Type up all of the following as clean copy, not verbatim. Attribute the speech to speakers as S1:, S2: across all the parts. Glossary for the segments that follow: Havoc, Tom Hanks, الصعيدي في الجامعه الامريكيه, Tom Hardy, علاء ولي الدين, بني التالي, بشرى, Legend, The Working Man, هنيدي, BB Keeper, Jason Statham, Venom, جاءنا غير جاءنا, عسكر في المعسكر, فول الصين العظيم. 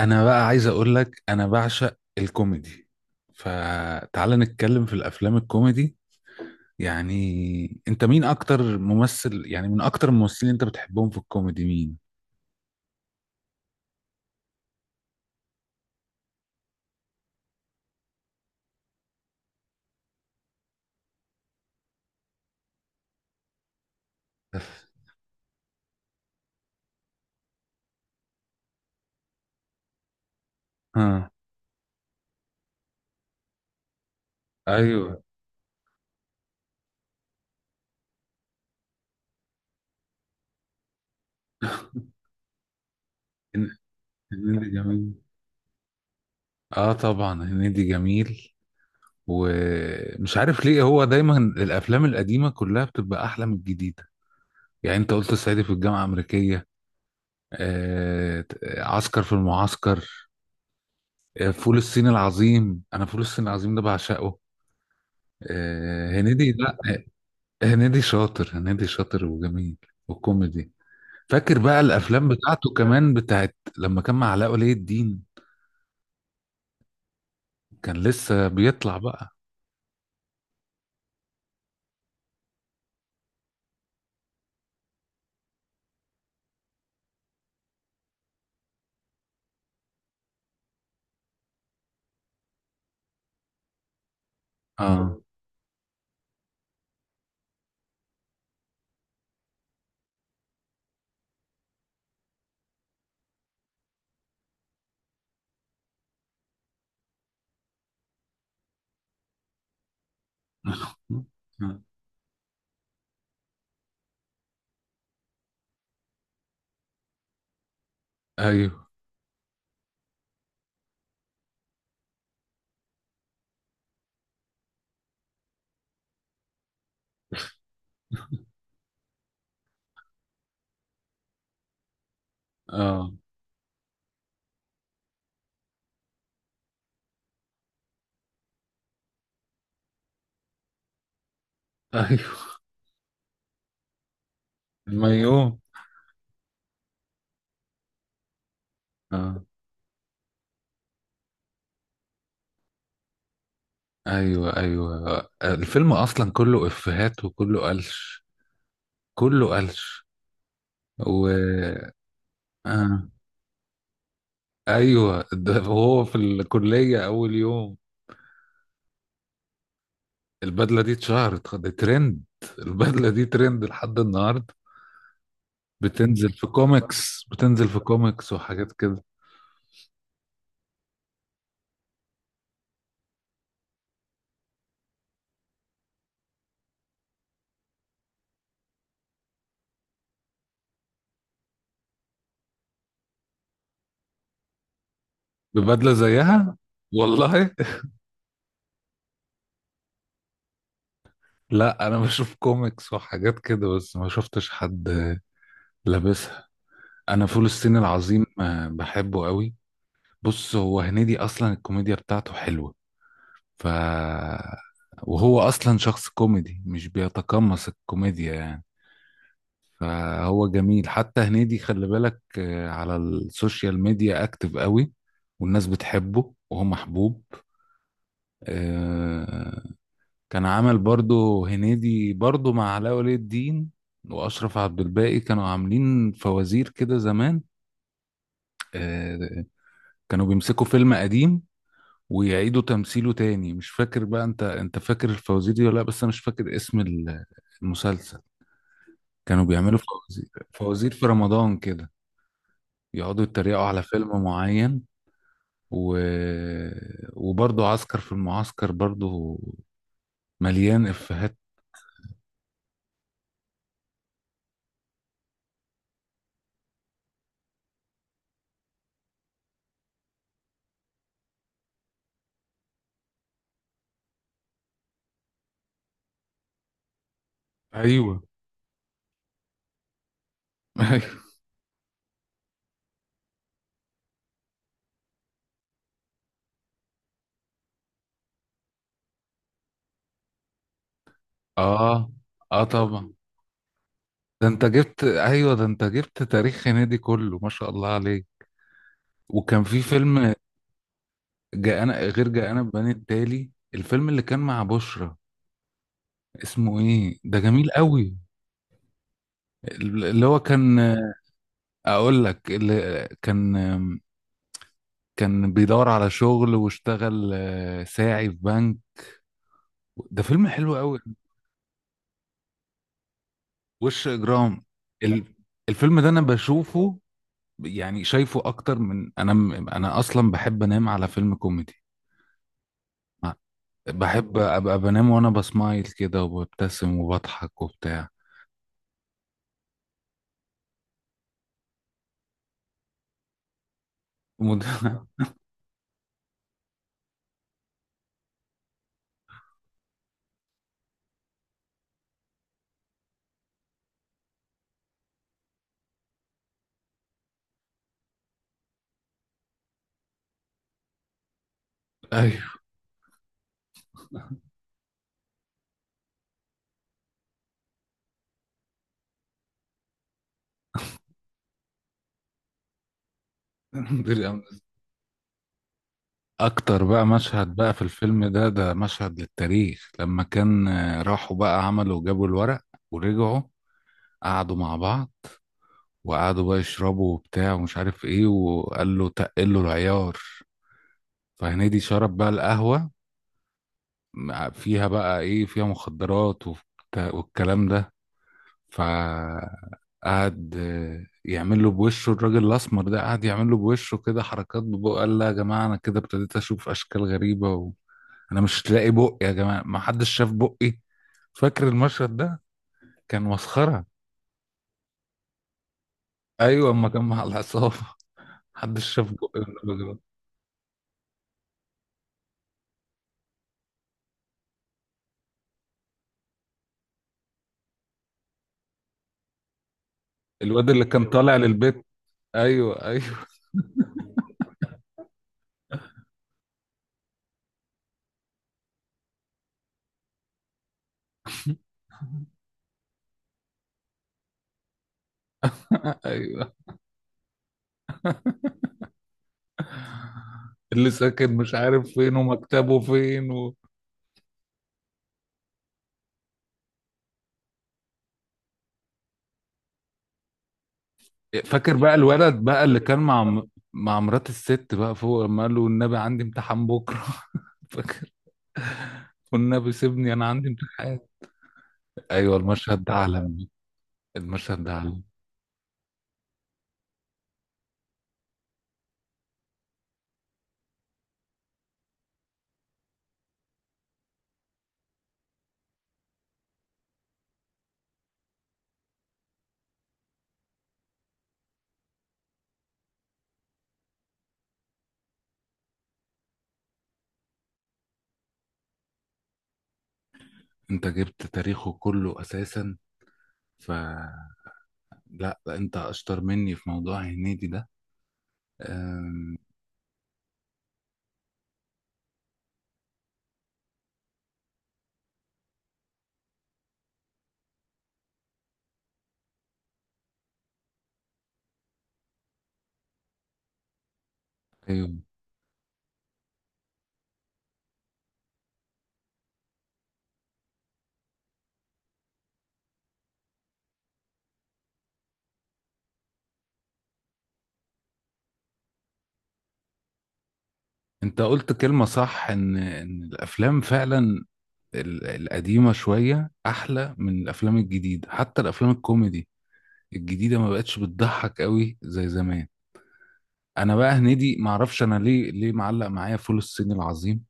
S1: انا بقى عايز اقول لك انا بعشق الكوميدي. فتعال نتكلم في الافلام الكوميدي. يعني انت مين اكتر ممثل، يعني من اكتر الممثلين انت بتحبهم في الكوميدي مين؟ ها. ايوه. هن- هنيدي جميل. اه طبعا هنيدي جميل. ومش عارف ليه هو دايما الافلام القديمه كلها بتبقى احلى من الجديده. يعني انت قلت الصعيدي في الجامعه الامريكيه، آه... عسكر في المعسكر، فول الصين العظيم. انا فول الصين العظيم ده بعشقه. هنيدي لا هنيدي شاطر. هنيدي شاطر وجميل والكوميدي. فاكر بقى الافلام بتاعته كمان، بتاعت لما كان مع علاء ولي الدين؟ كان لسه بيطلع بقى. اه. ايوه. اه ايوه الميوم. اه ايوه. ايوه الفيلم اصلا كله افيهات وكله قلش، كله قلش. و آه. ايوه، ده هو في الكليه اول يوم. البدله دي اتشهرت، دي ترند. البدله دي ترند لحد النهارده. بتنزل في كوميكس، بتنزل في كوميكس وحاجات كده. ببدله زيها والله. لا انا بشوف كوميكس وحاجات كده بس ما شفتش حد لابسها. انا فول الصين العظيم بحبه قوي. بص هو هنيدي اصلا الكوميديا بتاعته حلوه. ف وهو اصلا شخص كوميدي، مش بيتقمص الكوميديا يعني. فهو جميل. حتى هنيدي خلي بالك، على السوشيال ميديا اكتف قوي والناس بتحبه، وهو محبوب. آه، كان عمل برضو هنيدي برضو مع علاء ولي الدين واشرف عبد الباقي، كانوا عاملين فوازير كده زمان. آه، كانوا بيمسكوا فيلم قديم ويعيدوا تمثيله تاني. مش فاكر بقى انت، فاكر الفوازير دي ولا لا؟ بس انا مش فاكر اسم المسلسل. كانوا بيعملوا فوازير، فوازير في رمضان كده، يقعدوا يتريقوا على فيلم معين. و... وبرضه عسكر في المعسكر برضه مليان إفيهات. ايوه. ايوه. اه اه طبعا. ده انت جبت تاريخ هنيدي كله، ما شاء الله عليك. وكان في فيلم جاءنا غير جاءنا بني التالي، الفيلم اللي كان مع بشرى. اسمه ايه ده؟ جميل قوي. اللي هو كان، اقول لك، اللي كان، كان بيدور على شغل واشتغل ساعي في بنك. ده فيلم حلو قوي. وش اجرام. ال- الفيلم ده انا بشوفه، يعني شايفه اكتر من، انا اصلا بحب انام على فيلم كوميدي. بحب ابقى بنام وانا بسمايل كده وببتسم وبضحك وبتاع. مد... ايوه، مدير أمن. اكتر بقى مشهد بقى في الفيلم ده، ده مشهد للتاريخ. لما كان راحوا بقى عملوا، جابوا الورق ورجعوا، قعدوا مع بعض، وقعدوا بقى يشربوا وبتاع ومش عارف ايه، وقال له تقل له العيار. فهنيدي شرب بقى القهوة، فيها بقى ايه، فيها مخدرات والكلام ده. فقعد يعمل له بوشه، الراجل الأسمر ده قعد يعمل له بوشه كده، حركات ببقه. قال لا يا جماعة، أنا كده ابتديت أشوف أشكال غريبة وأنا مش لاقي بقي يا جماعة، ما حدش شاف بقي؟ فاكر المشهد ده؟ كان مسخرة. أيوة، أما كان مع العصابة. محدش شاف بقي من الراجل. الواد اللي كان طالع للبيت، أيوة أيوة. أيوة، اللي ساكن مش عارف فين ومكتبه فين فاكر بقى الولد بقى اللي كان مع مع مرات الست بقى فوق، لما قال له والنبي عندي امتحان بكره؟ فاكر؟ والنبي سيبني انا عندي امتحان. ايوه المشهد ده عالمي. المشهد ده عالمي. انت جبت تاريخه كله اساسا. ف لا لا، انت اشطر مني في موضوع هنيدي ده. أم... ايوه، انت قلت كلمة صح، ان ان الافلام فعلا القديمة شوية احلى من الافلام الجديدة. حتى الافلام الكوميدي الجديده ما بقتش بتضحك قوي زي زمان. انا بقى هنيدي ما اعرفش انا ليه، ليه معلق معايا فول الصين العظيم.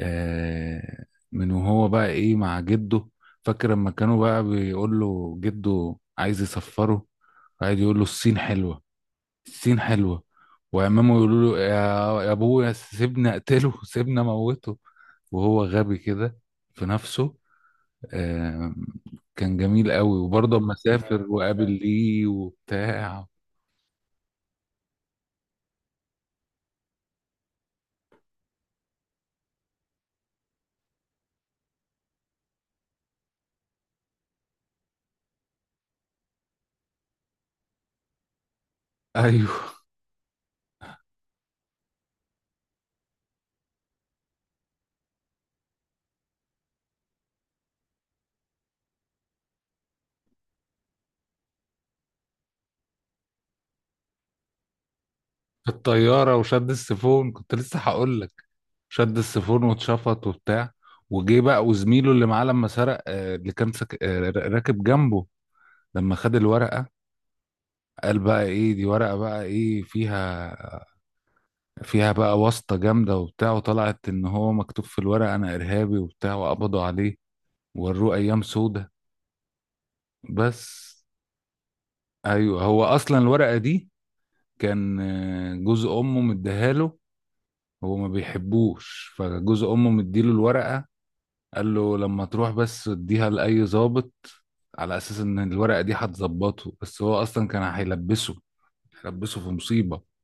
S1: آه، من وهو بقى ايه مع جده. فاكر لما كانوا بقى بيقول له جده عايز يسفره، قاعد يقول له الصين حلوه، الصين حلوه. وعمامه يقولوا له يا، يا ابويا سيبنا اقتله، سيبنا موته. وهو غبي كده في نفسه. آه، كان جميل قوي. وبرضه اما سافر وقابل ليه وبتاع. ايوه، في الطياره وشد السيفون، كنت لسه هقول لك. شد السيفون واتشفط وبتاع. وجه بقى وزميله اللي معاه لما سرق، اللي كان سك... آه، راكب جنبه، لما خد الورقه، قال بقى ايه دي، ورقه بقى ايه فيها، فيها بقى واسطه جامده وبتاع. وطلعت ان هو مكتوب في الورقه انا ارهابي وبتاع، وقبضوا عليه ووروه ايام سودة. بس. ايوه، هو اصلا الورقه دي كان جوز امه مديها له. هو ما بيحبوش، فجوز امه مديله الورقة، قال له لما تروح بس اديها لأي ضابط، على أساس إن الورقة دي هتظبطه، بس هو أصلا كان هيلبسه، هيلبسه في مصيبة.